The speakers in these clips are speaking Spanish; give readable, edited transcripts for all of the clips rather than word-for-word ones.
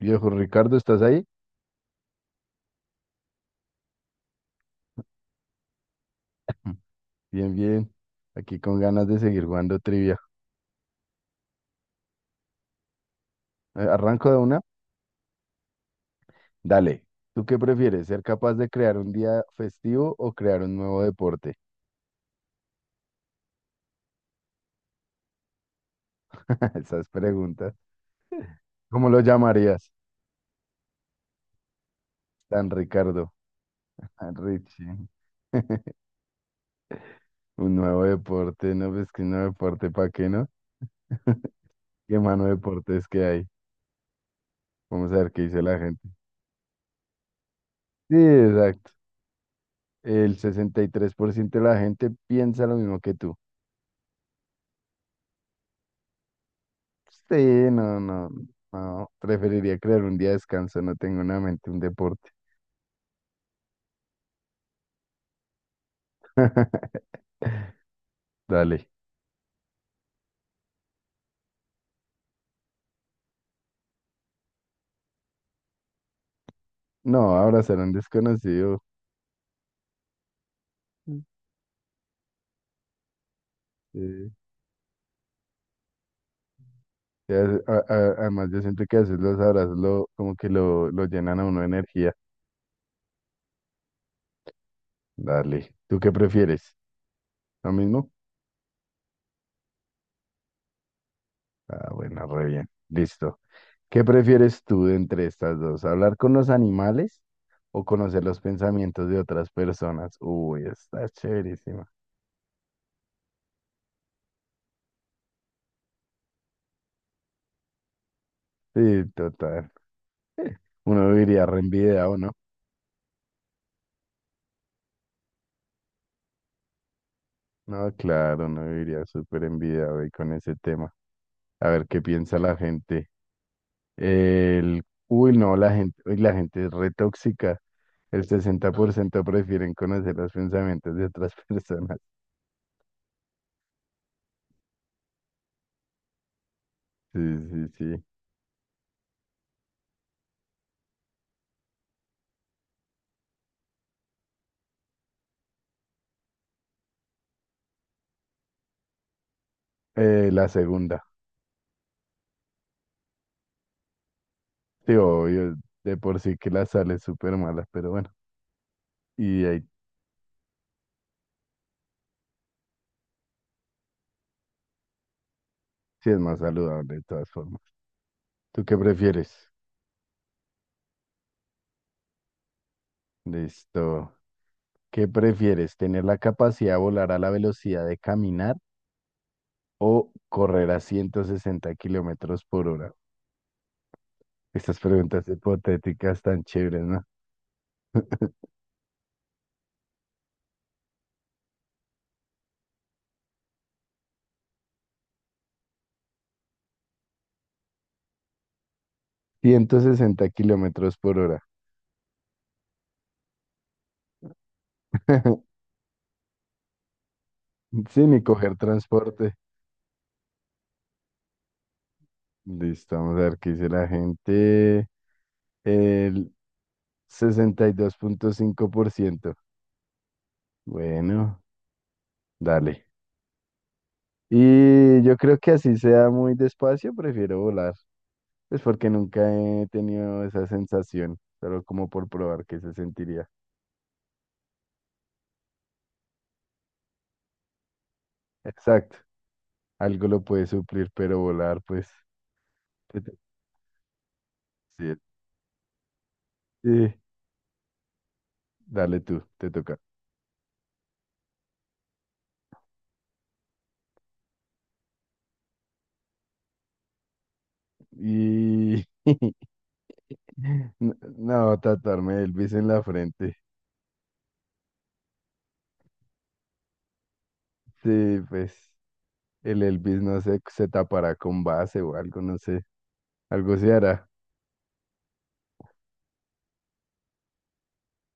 Viejo Ricardo, ¿estás ahí? Bien, bien. Aquí con ganas de seguir jugando trivia. ¿Arranco de una? Dale. ¿Tú qué prefieres? ¿Ser capaz de crear un día festivo o crear un nuevo deporte? Esas preguntas. ¿Cómo lo llamarías? Tan Ricardo, tan Richie. Un nuevo deporte, ¿no? Pues que un nuevo deporte, ¿para qué no? ¿Qué mano de deportes que hay? Vamos a ver qué dice la gente. Sí, exacto. El 63% de la gente piensa lo mismo que tú. Sí, no, no, no. Preferiría crear un día de descanso. No tengo en mente un deporte. Dale. No, abrazar a un desconocido. Sí. Ya, además, yo siento que a veces los abrazos lo, como que lo llenan a uno de energía. Dale. ¿Tú qué prefieres? ¿Lo mismo? Ah, bueno, re bien. Listo. ¿Qué prefieres tú de entre estas dos? ¿Hablar con los animales o conocer los pensamientos de otras personas? Uy, está chéverísima. Sí, total. Uno viviría re envidiado, ¿no? No, claro, uno viviría súper envidiado ahí con ese tema. A ver qué piensa la gente. El, uy, no, la gente, uy, la gente es re tóxica. El 60% prefieren conocer los pensamientos de otras personas. Sí, sí, sí. La segunda. Sí, obvio, de por sí que la sal es súper mala, pero bueno. Y ahí sí es más saludable de todas formas. ¿Tú qué prefieres? Listo. ¿Qué prefieres? ¿Tener la capacidad de volar a la velocidad de caminar o correr a 160 km/h? Estas preguntas hipotéticas tan chéveres, ¿no? 160 km/h. Sí, ni coger transporte. Listo, vamos a ver qué dice la gente. El 62,5%. Bueno, dale. Y yo creo que así sea muy despacio, prefiero volar. Es porque nunca he tenido esa sensación, solo como por probar qué se sentiría. Exacto. Algo lo puede suplir, pero volar, pues. te to- Sí, sí, dale tú, te toca. Y. No, no, tatuarme Elvis en la frente. Sí, pues. El Elvis, no sé, se tapará con base o algo, no sé. Algo se hará.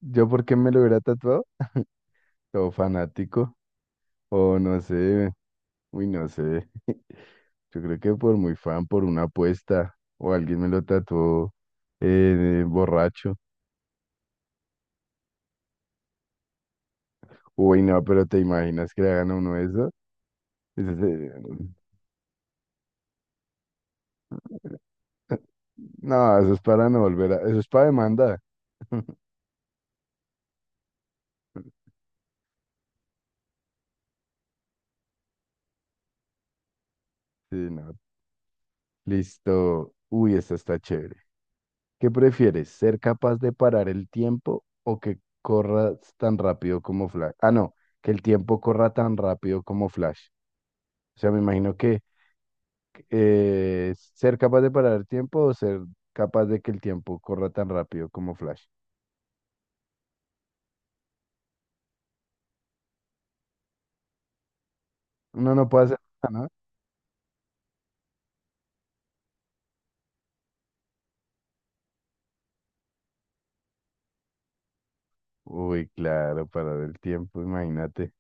¿Yo por qué me lo hubiera tatuado? O fanático. O no sé. Uy, no sé. Yo creo que por muy fan, por una apuesta. O alguien me lo tatuó, borracho. Uy, no, pero ¿te imaginas que le hagan a uno eso? Eso sería- No, eso es para no volver a... Eso es para demanda. Sí, no. Listo. Uy, esta está chévere. ¿Qué prefieres? ¿Ser capaz de parar el tiempo o que corras tan rápido como Flash? Ah, no, que el tiempo corra tan rápido como Flash. O sea, me imagino que ser capaz de parar el tiempo o ser capaz de que el tiempo corra tan rápido como Flash. Uno no puede hacer nada, ¿no? Uy, claro, parar el tiempo, imagínate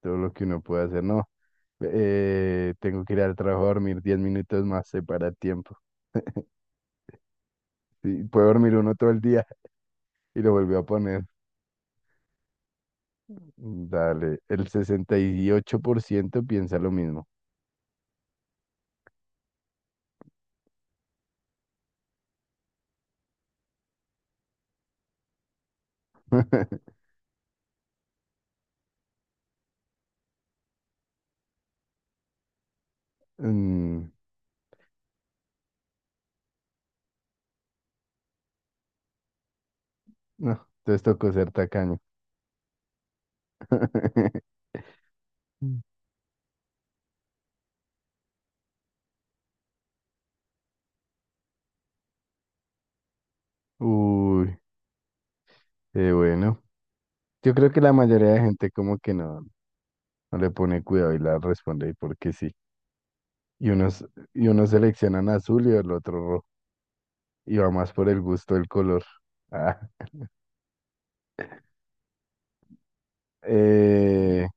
todo lo que uno puede hacer. No, tengo que ir al trabajo a dormir 10 minutos más, se para el tiempo. Sí, puede dormir uno todo el día y lo volvió a poner. Dale, el 68% piensa lo mismo. Mm, no, entonces tocó ser tacaño. Mm. Uy, bueno, yo creo que la mayoría de gente como que no le pone cuidado y la responde ahí porque sí. y unos, y unos seleccionan azul y el otro rojo, y va más por el gusto del color. Ah, eh,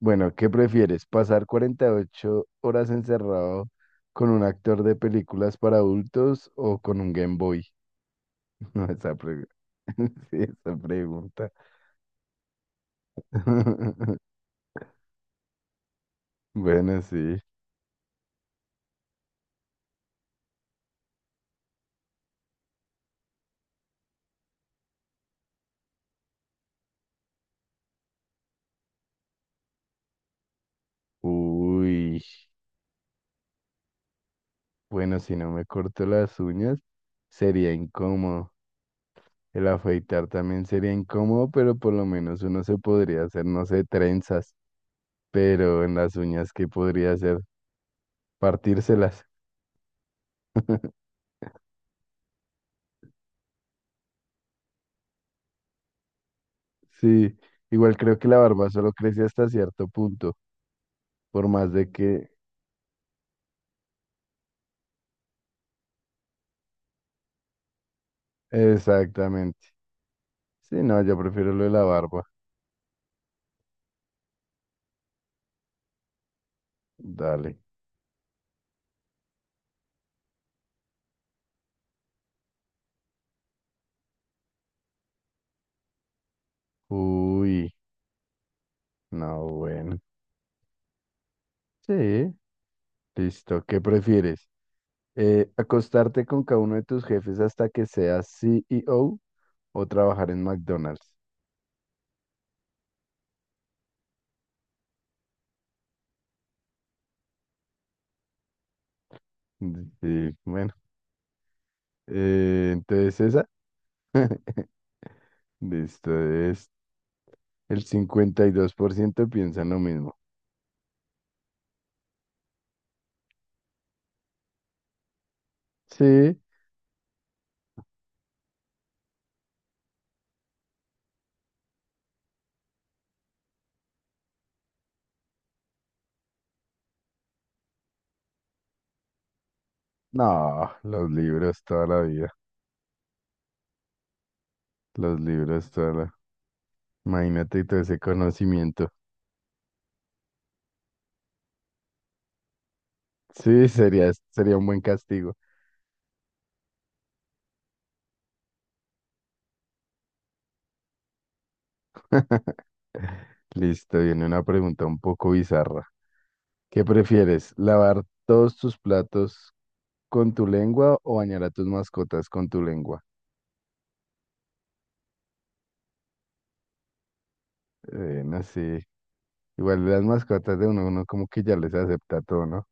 bueno, ¿qué prefieres? ¿Pasar 48 horas encerrado con un actor de películas para adultos o con un Game Boy? No, sí, esa pregunta. Bueno, sí. Uy, bueno, si no me corto las uñas, sería incómodo. El afeitar también sería incómodo, pero por lo menos uno se podría hacer, no sé, trenzas, pero en las uñas, ¿qué podría hacer? Partírselas. Sí, igual creo que la barba solo crece hasta cierto punto, por más de que... Exactamente. Sí, no, yo prefiero lo de la barba. Dale. Uy, no, bueno. Sí, listo. ¿Qué prefieres? ¿acostarte con cada uno de tus jefes hasta que seas CEO o trabajar en McDonald's? Mm, sí, entonces esa, listo, es el 52% piensan lo mismo. Sí, no, los libros toda la vida, los libros toda la... Imagínate todo ese conocimiento. Sí, sería, sería un buen castigo. Listo, viene una pregunta un poco bizarra. ¿Qué prefieres, lavar todos tus platos con tu lengua o bañar a tus mascotas con tu lengua? No sé, igual las mascotas de uno, uno como que ya les acepta todo, ¿no?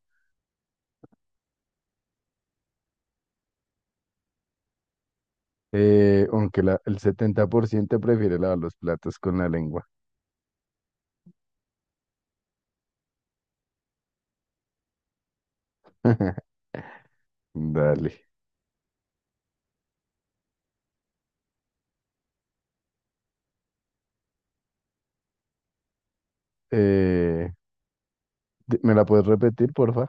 Aunque el 70% prefiere lavar los platos con la lengua. Dale. Eh, me la puedes repetir, porfa?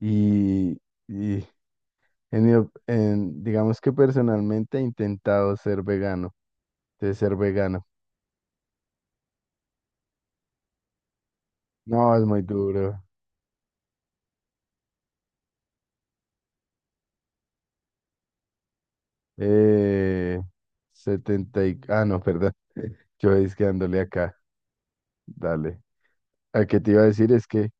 Y, y en mi op- en- digamos que personalmente he intentado ser vegano, de ser vegano. No, es muy duro. Eh, Setenta y... Ah, no, perdón. Yo es que dándole acá. Dale. A que te iba a decir es que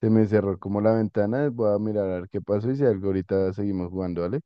se me cerró como la ventana. Voy a mirar a ver qué pasó y si algo ahorita seguimos jugando, ¿vale?